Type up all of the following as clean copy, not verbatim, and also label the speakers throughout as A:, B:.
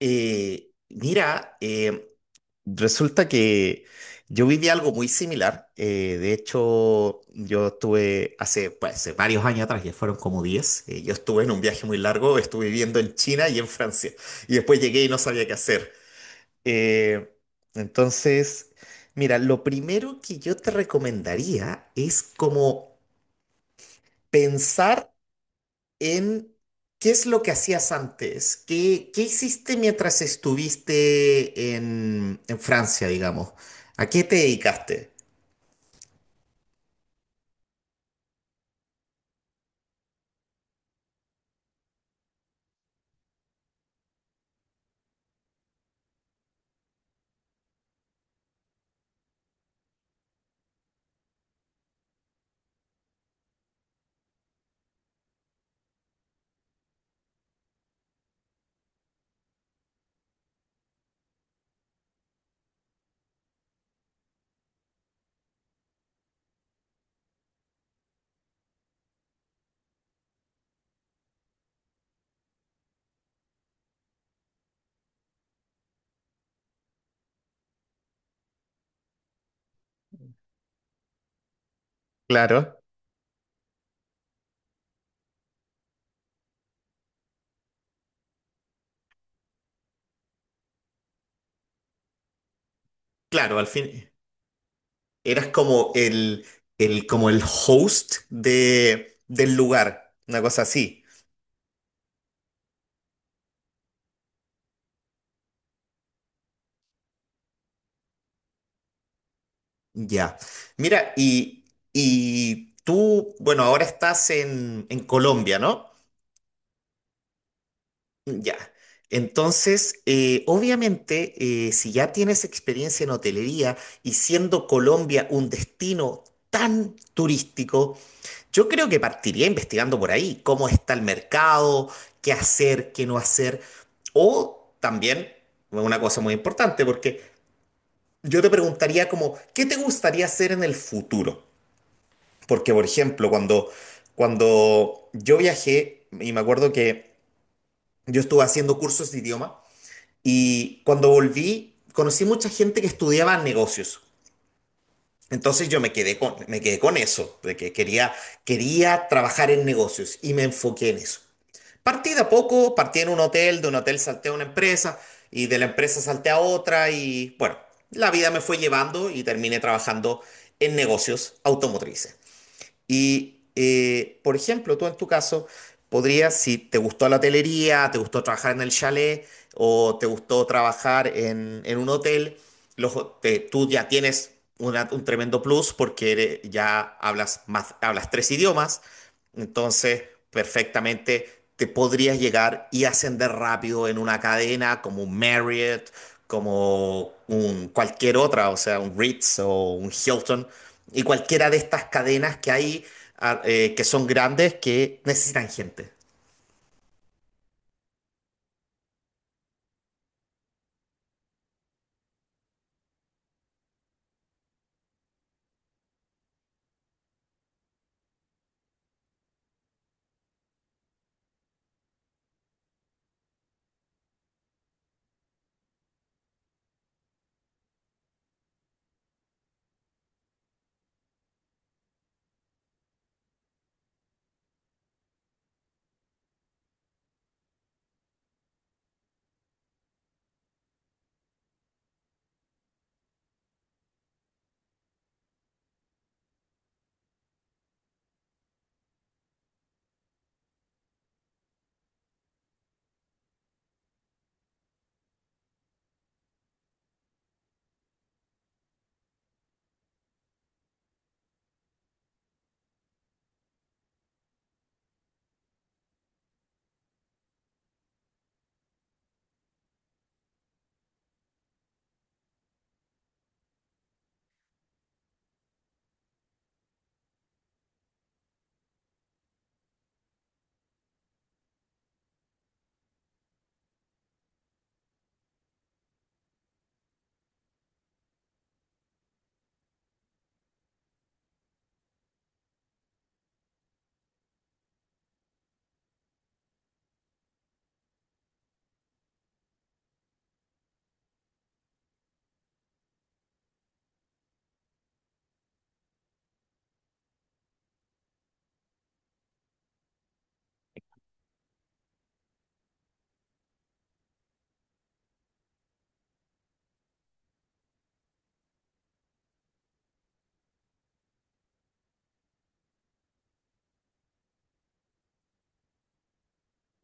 A: Mira, resulta que yo viví algo muy similar. De hecho, yo estuve pues, hace varios años atrás, ya fueron como 10. Yo estuve en un viaje muy largo, estuve viviendo en China y en Francia. Y después llegué y no sabía qué hacer. Eh, entonces, mira, lo primero que yo te recomendaría es como pensar. Em, ¿Qué es lo que hacías antes? ¿Qué hiciste mientras estuviste en Francia, digamos? ¿A qué te dedicaste? Claro. Claro, al fin eras como el host del lugar, una cosa así. Ya. Mira, y tú, bueno, ahora estás en Colombia, ¿no? Ya. Entonces, obviamente, si ya tienes experiencia en hotelería y siendo Colombia un destino tan turístico, yo creo que partiría investigando por ahí cómo está el mercado, qué hacer, qué no hacer. O también, una cosa muy importante, porque yo te preguntaría como, ¿qué te gustaría hacer en el futuro? Porque, por ejemplo, cuando yo viajé, y me acuerdo que yo estuve haciendo cursos de idioma, y cuando volví, conocí mucha gente que estudiaba negocios. Entonces yo me quedé con eso, de que quería trabajar en negocios y me enfoqué en eso. Partí de a poco, partí en un hotel, de un hotel salté a una empresa y de la empresa salté a otra y bueno, la vida me fue llevando y terminé trabajando en negocios automotrices. Y, por ejemplo, tú en tu caso, podrías, si te gustó la hotelería, te gustó trabajar en el chalet o te gustó trabajar en un hotel, tú ya tienes un tremendo plus ya hablas más, hablas tres idiomas, entonces, perfectamente te podrías llegar y ascender rápido en una cadena como un Marriott, como un cualquier otra, o sea, un Ritz o un Hilton, y cualquiera de estas cadenas que hay, que son grandes que necesitan gente.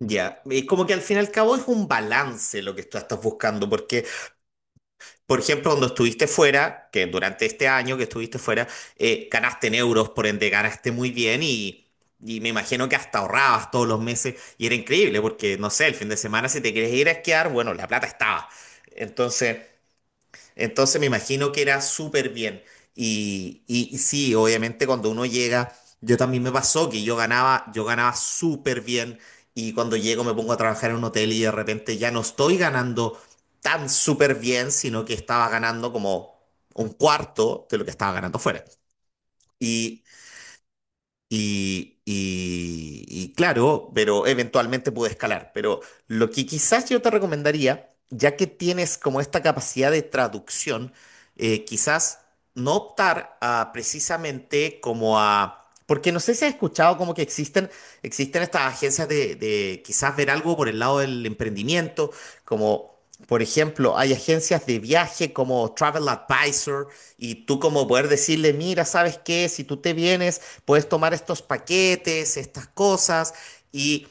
A: Ya, y como que al fin y al cabo es un balance lo que tú estás buscando, porque por ejemplo, cuando estuviste fuera, que durante este año que estuviste fuera, ganaste en euros, por ende ganaste muy bien y me imagino que hasta ahorrabas todos los meses y era increíble porque, no sé, el fin de semana si te querías ir a esquiar, bueno, la plata estaba. Entonces, entonces me imagino que era súper bien. Y sí, obviamente cuando uno llega, yo también me pasó que yo ganaba súper bien y cuando llego me pongo a trabajar en un hotel y de repente ya no estoy ganando tan súper bien, sino que estaba ganando como un cuarto de lo que estaba ganando fuera. Y claro, pero eventualmente pude escalar. Pero lo que quizás yo te recomendaría, ya que tienes como esta capacidad de traducción, quizás no optar a precisamente como a. Porque no sé si has escuchado como que existen estas agencias de quizás ver algo por el lado del emprendimiento, como por ejemplo, hay agencias de viaje como Travel Advisor y tú como poder decirle, mira, ¿sabes qué? Si tú te vienes, puedes tomar estos paquetes, estas cosas y,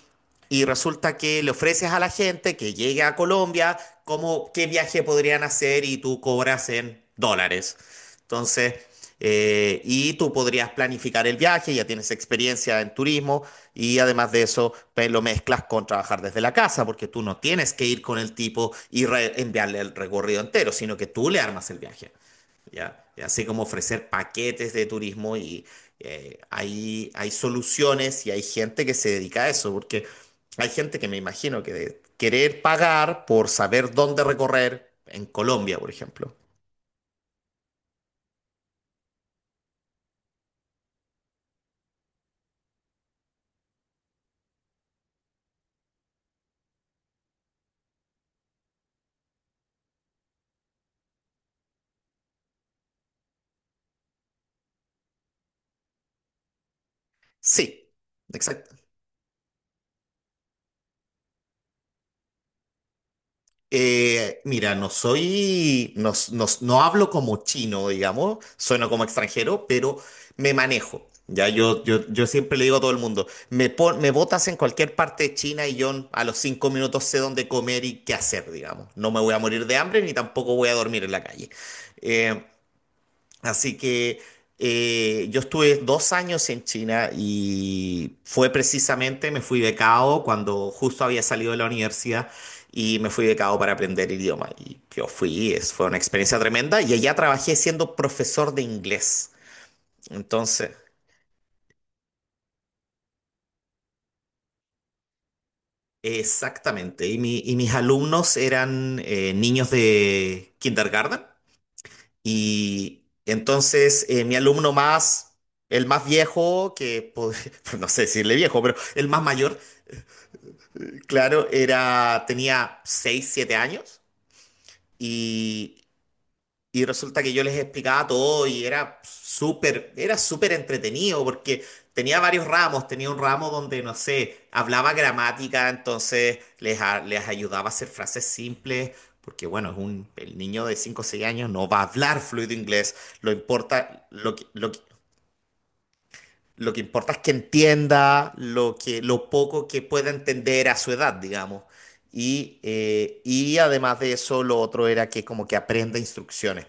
A: y resulta que le ofreces a la gente que llegue a Colombia cómo, qué viaje podrían hacer y tú cobras en dólares. Entonces. Y tú podrías planificar el viaje, ya tienes experiencia en turismo y además de eso pues, lo mezclas con trabajar desde la casa, porque tú no tienes que ir con el tipo y enviarle el recorrido entero, sino que tú le armas el viaje, ¿ya? Y así como ofrecer paquetes de turismo y hay soluciones y hay gente que se dedica a eso, porque hay gente que me imagino que de querer pagar por saber dónde recorrer en Colombia, por ejemplo. Sí, exacto. Mira, no soy, no, no, no hablo como chino, digamos, sueno como extranjero, pero me manejo. Ya yo siempre le digo a todo el mundo, me botas en cualquier parte de China y yo a los 5 minutos sé dónde comer y qué hacer, digamos. No me voy a morir de hambre ni tampoco voy a dormir en la calle. Eh, Así que yo estuve 2 años en China y fue precisamente, me fui becado cuando justo había salido de la universidad y me fui becado para aprender el idioma. Y fue una experiencia tremenda y allá trabajé siendo profesor de inglés. Entonces, exactamente. Y mis alumnos eran niños de kindergarten. Y entonces mi alumno más, el más viejo, no sé decirle viejo, pero el más mayor, claro, era, tenía 6 7 años. Y y resulta que yo les explicaba todo y era súper entretenido porque tenía varios ramos. Tenía un ramo donde, no sé, hablaba gramática, entonces les ayudaba a hacer frases simples. Porque bueno, el niño de 5 o 6 años no va a hablar fluido inglés. Lo importa, lo que, lo que, lo que importa es que entienda lo que, lo poco que pueda entender a su edad, digamos. Y además de eso, lo otro era que como que aprenda instrucciones.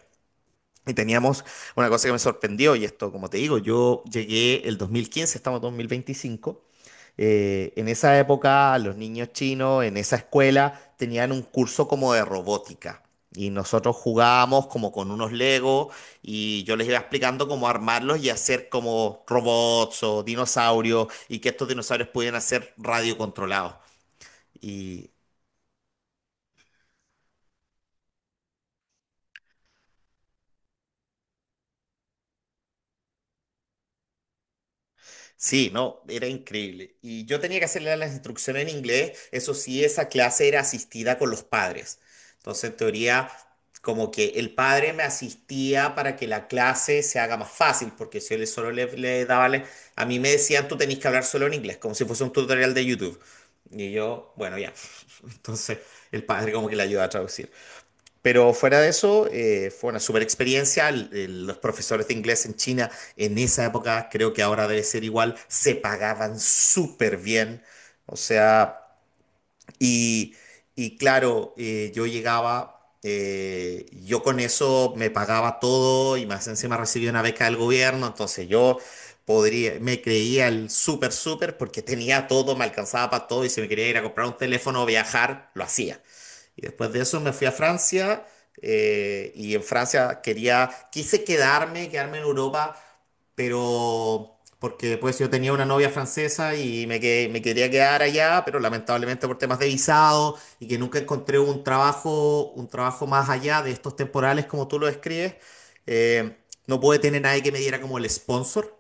A: Y teníamos una cosa que me sorprendió, y esto, como te digo, yo llegué el 2015, estamos en 2025. En esa época, los niños chinos en esa escuela tenían un curso como de robótica. Y nosotros jugábamos como con unos Legos y yo les iba explicando cómo armarlos y hacer como robots o dinosaurios y que estos dinosaurios pudieran ser radiocontrolados. Y Sí, no, era increíble. Y yo tenía que hacerle las instrucciones en inglés. Eso sí, esa clase era asistida con los padres. Entonces, en teoría, como que el padre me asistía para que la clase se haga más fácil, porque si yo solo le daba, a mí me decían, tú tenés que hablar solo en inglés, como si fuese un tutorial de YouTube. Y yo, bueno, ya. Entonces, el padre como que le ayudaba a traducir. Pero fuera de eso, fue una super experiencia. Los profesores de inglés en China en esa época, creo que ahora debe ser igual, se pagaban súper bien. O sea, y, y claro, yo llegaba, yo con eso me pagaba todo y más encima recibía una beca del gobierno, entonces yo podría, me creía el súper, súper porque tenía todo, me alcanzaba para todo y si me quería ir a comprar un teléfono o viajar, lo hacía. Y después de eso me fui a Francia y en Francia quise quedarme en Europa, pero porque pues yo tenía una novia francesa y me quería quedar allá, pero lamentablemente por temas de visado y que nunca encontré un trabajo, más allá de estos temporales como tú lo describes, eh, no pude tener nadie que me diera como el sponsor.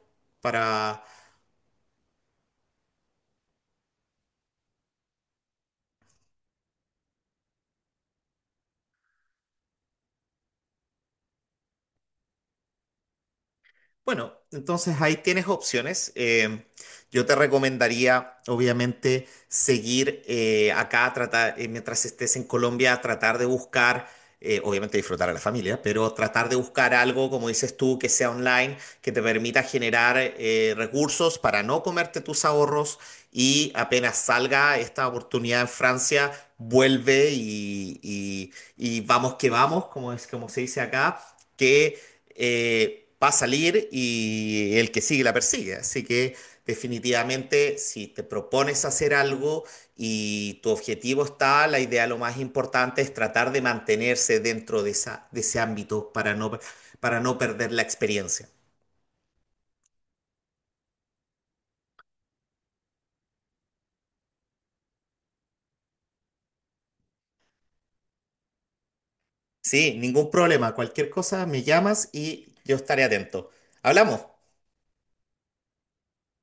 A: Bueno, entonces ahí tienes opciones. Yo te recomendaría, obviamente, seguir acá, tratar, mientras estés en Colombia, tratar de buscar, obviamente disfrutar a la familia, pero tratar de buscar algo, como dices tú, que sea online, que te permita generar recursos para no comerte tus ahorros y apenas salga esta oportunidad en Francia, vuelve y vamos que vamos, como es, como se dice acá. Que va a salir y el que sigue la persigue. Así que definitivamente si te propones hacer algo y tu objetivo está, la idea lo más importante es tratar de mantenerse dentro de ese ámbito para no perder la experiencia. Sí, ningún problema. Cualquier cosa me llamas y yo estaré atento. Hablamos.